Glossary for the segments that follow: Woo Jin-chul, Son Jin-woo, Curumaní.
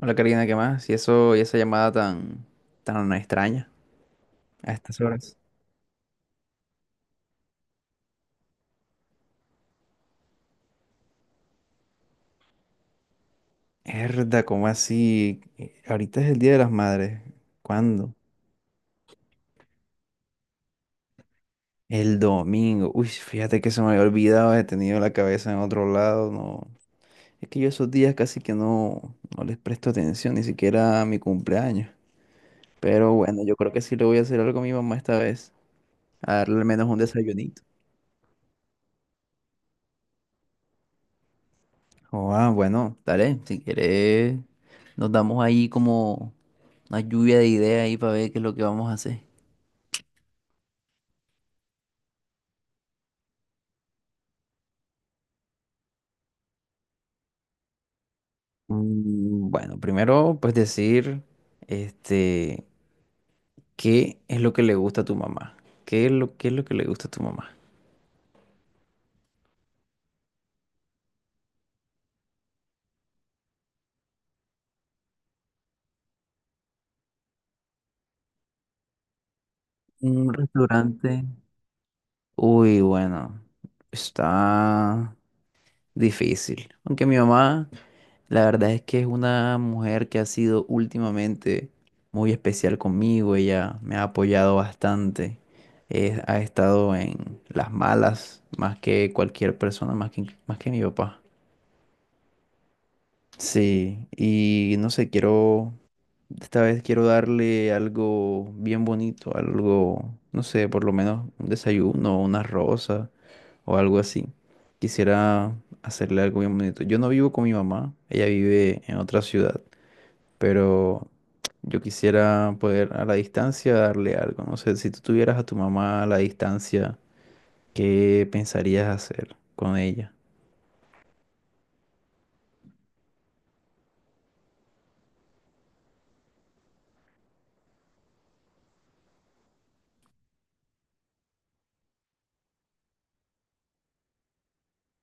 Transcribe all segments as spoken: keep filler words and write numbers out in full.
Hola Karina, ¿qué más? Y eso, y esa llamada tan, tan extraña a estas horas. Herda, ¿cómo así? Eh, Ahorita es el Día de las Madres. ¿Cuándo? El domingo. Uy, fíjate que se me había olvidado, he tenido la cabeza en otro lado. No. Es que yo esos días casi que no, no les presto atención, ni siquiera a mi cumpleaños. Pero bueno, yo creo que sí le voy a hacer algo a mi mamá esta vez. A darle al menos un desayunito. Oh, ah, bueno, dale, si quieres, nos damos ahí como. Una lluvia de ideas ahí para ver qué es lo que vamos a hacer. Mm, Bueno, primero pues decir, este, ¿qué es lo que le gusta a tu mamá? ¿Qué es lo, qué es lo que le gusta a tu mamá? Un restaurante. Uy, bueno, está difícil. Aunque mi mamá La verdad es que es una mujer que ha sido últimamente muy especial conmigo. Ella me ha apoyado bastante. Eh, ha estado en las malas más que cualquier persona, más que, más que mi papá. Sí, y no sé, quiero, esta vez quiero darle algo bien bonito, algo, no sé, por lo menos un desayuno, una rosa o algo así. Quisiera hacerle algo bien bonito. Yo no vivo con mi mamá, ella vive en otra ciudad, pero yo quisiera poder a la distancia darle algo. No sé, si tú tuvieras a tu mamá a la distancia, ¿qué pensarías hacer con ella?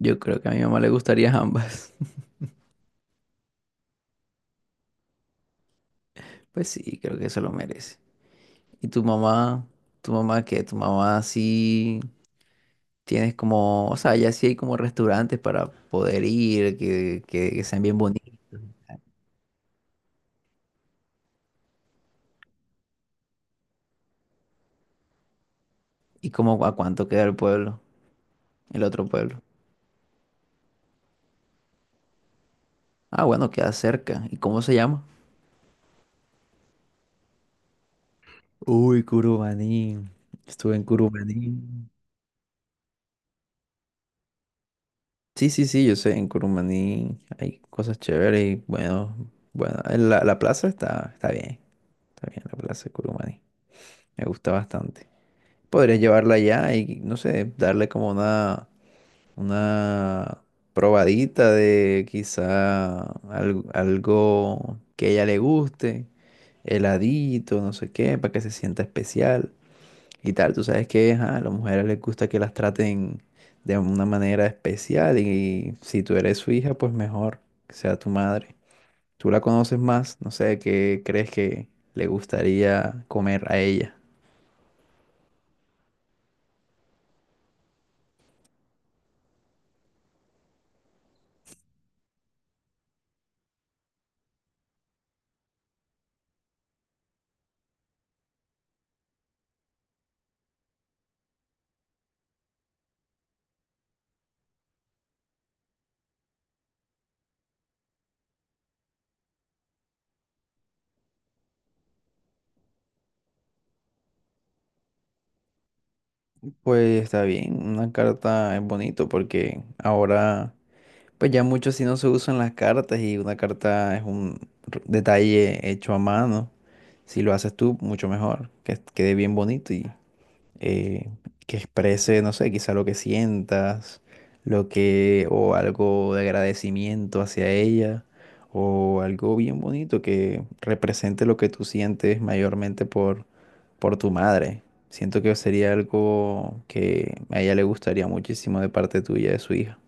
Yo creo que a mi mamá le gustaría ambas. Pues sí, creo que eso lo merece. ¿Y tu mamá? ¿Tu mamá qué? ¿Tu mamá sí tienes como, o sea, ya sí hay como restaurantes para poder ir, que, que, que sean bien bonitos? ¿Y cómo a cuánto queda el pueblo, el otro pueblo? Ah, bueno, queda cerca. ¿Y cómo se llama? Uy, Curumaní. Estuve en Curumaní. Sí, sí, sí, yo sé, en Curumaní hay cosas chéveres y bueno, bueno, en la, la plaza está, está bien, está bien la plaza de Curumaní. Me gusta bastante. Podrías llevarla allá y, no sé, darle como una, una probadita de quizá algo, algo que a ella le guste, heladito, no sé qué, para que se sienta especial, y tal. Tú sabes que ajá, a las mujeres les gusta que las traten de una manera especial y si tú eres su hija, pues mejor que sea tu madre. Tú la conoces más, no sé qué crees que le gustaría comer a ella. Pues está bien, una carta es bonito porque ahora, pues ya mucho así no se usan las cartas y una carta es un r- detalle hecho a mano. Si lo haces tú, mucho mejor, que quede bien bonito y eh, que exprese, no sé, quizá lo que sientas, lo que, o algo de agradecimiento hacia ella, o algo bien bonito que represente lo que tú sientes mayormente por, por tu madre. Siento que sería algo que a ella le gustaría muchísimo de parte tuya, de su hija.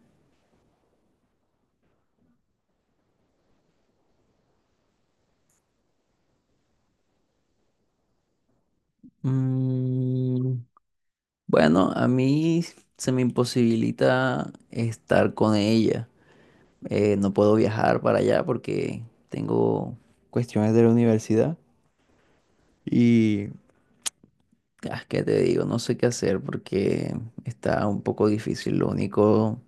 Mm, bueno, a mí se me imposibilita estar con ella. Eh, no puedo viajar para allá porque tengo cuestiones de la universidad y, ah, ¿qué te digo? No sé qué hacer porque está un poco difícil. Lo único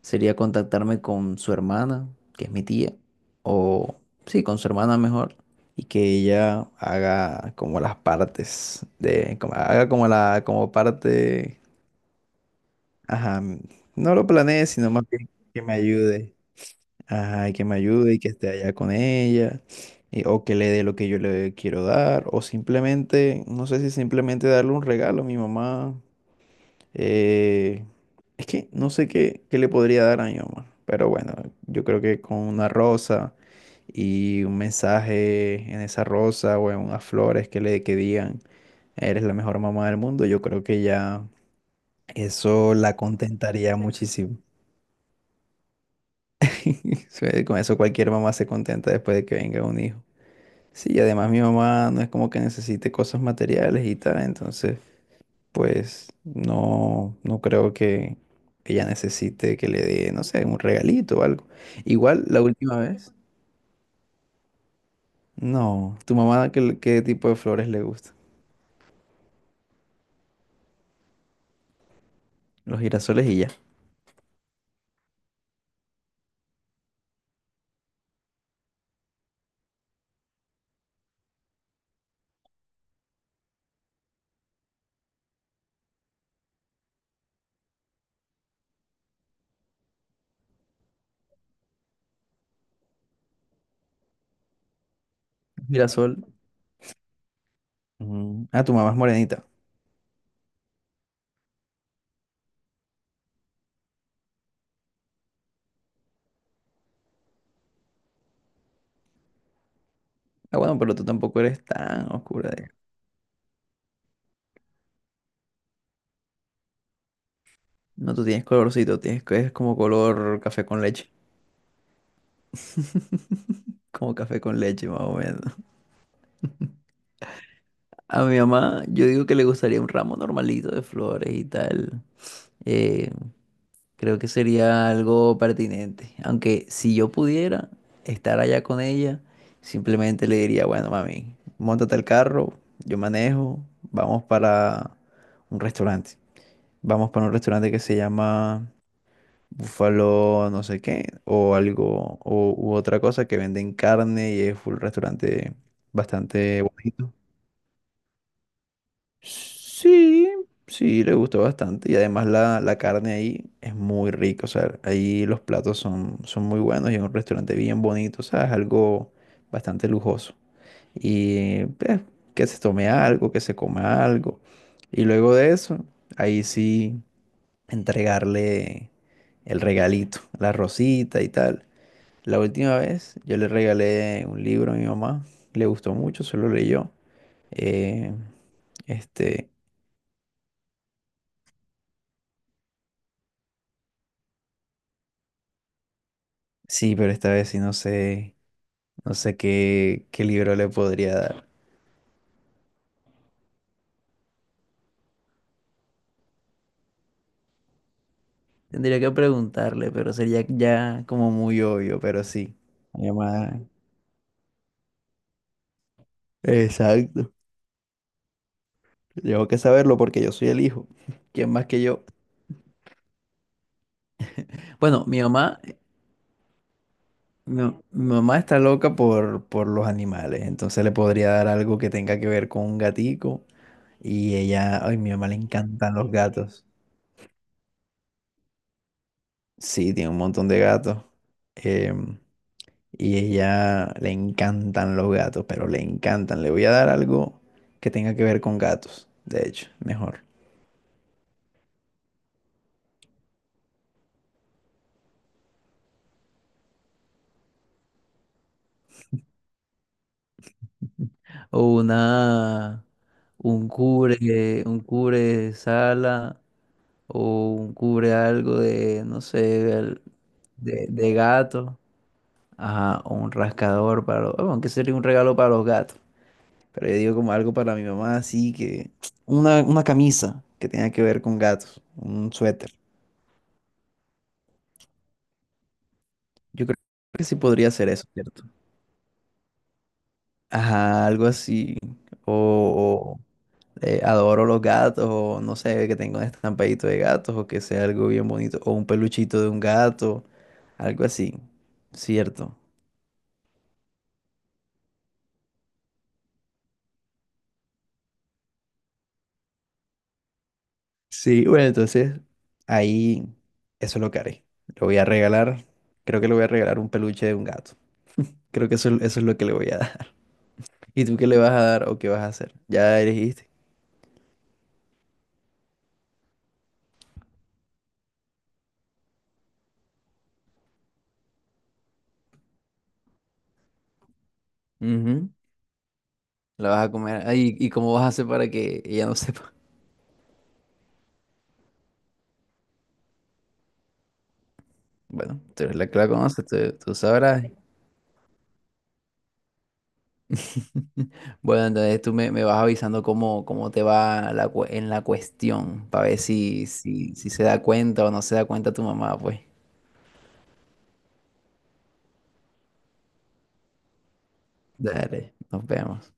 sería contactarme con su hermana, que es mi tía, o sí, con su hermana mejor, y que ella haga como las partes de, como, haga como la, como parte, ajá, no lo planeé, sino más bien que me ayude. Ajá, y que me ayude y que esté allá con ella, y- o que le dé lo que yo le quiero dar, o simplemente, no sé si simplemente darle un regalo a mi mamá. eh, es que no sé qué, qué le podría dar a mi mamá, pero bueno, yo creo que con una rosa y un mensaje en esa rosa o en unas flores que le que digan, eres la mejor mamá del mundo, yo creo que ya eso la contentaría muchísimo. Con eso cualquier mamá se contenta después de que venga un hijo. Sí, y además mi mamá no es como que necesite cosas materiales y tal, entonces pues no, no creo que ella necesite que le dé, no sé, un regalito o algo. Igual la última vez, no, tu mamá, ¿qué, qué tipo de flores le gusta? Los girasoles y ya. Girasol. mm, Ah, tu mamá es morenita. Ah, bueno, pero tú tampoco eres tan oscura de- No, tú tienes colorcito, tienes que es como color café con leche, como café con leche más o menos. A mi mamá, yo digo que le gustaría un ramo normalito de flores y tal. Eh, Creo que sería algo pertinente. Aunque si yo pudiera estar allá con ella, simplemente le diría, bueno, mami, móntate el carro, yo manejo, vamos para un restaurante. Vamos para un restaurante que se llama Búfalo no sé qué, o algo, o, u otra cosa que venden carne y es un restaurante bastante bonito. Sí, sí, le gustó bastante. Y además la, la carne ahí es muy rica. O sea, ahí los platos son, son muy buenos y es un restaurante bien bonito. O sea, es algo bastante lujoso. Y pues, que se tome algo, que se coma algo. Y luego de eso, ahí sí, entregarle el regalito, la rosita y tal. La última vez yo le regalé un libro a mi mamá. Le gustó mucho, se lo leyó. Eh, este, sí, pero esta vez sí no sé, no sé qué, qué libro le podría dar. Tendría que preguntarle, pero sería ya como muy obvio, pero sí. Mi mamá- Exacto. Tengo que saberlo porque yo soy el hijo. ¿Quién más que yo? Bueno, mi mamá, mi, mi mamá está loca por, por los animales, entonces le podría dar algo que tenga que ver con un gatico. Y ella, ay, mi mamá le encantan los gatos. Sí, tiene un montón de gatos. Em, Y ella le encantan los gatos, pero le encantan. Le voy a dar algo que tenga que ver con gatos, de hecho, mejor. O una, un cubre, un cubre sala o un cubre algo de, no sé, el- de, de gato. Ajá, o un rascador para los, bueno, aunque sería un regalo para los gatos. Pero yo digo como algo para mi mamá, así que una, una camisa que tenga que ver con gatos, un suéter. Yo creo que sí podría ser eso, ¿cierto? Ajá, algo así. O, o, eh, Adoro los gatos, o no sé, que tenga un estampadito de gatos, o que sea algo bien bonito, o un peluchito de un gato, algo así, ¿cierto? Sí, bueno, entonces ahí eso es lo que haré. Lo voy a regalar, creo que le voy a regalar un peluche de un gato. Creo que eso, eso es lo que le voy a dar. ¿Y tú qué le vas a dar o qué vas a hacer? Ya elegiste. Ujú, La vas a comer. Ay, ¿y cómo vas a hacer para que ella no sepa? Bueno, tú eres la que la conoce, tú, tú sabrás. Bueno, entonces tú me, me vas avisando cómo, cómo te va la, cue- en la cuestión, para ver si, si, si se da cuenta o no se da cuenta tu mamá, pues. Dale, nos vemos.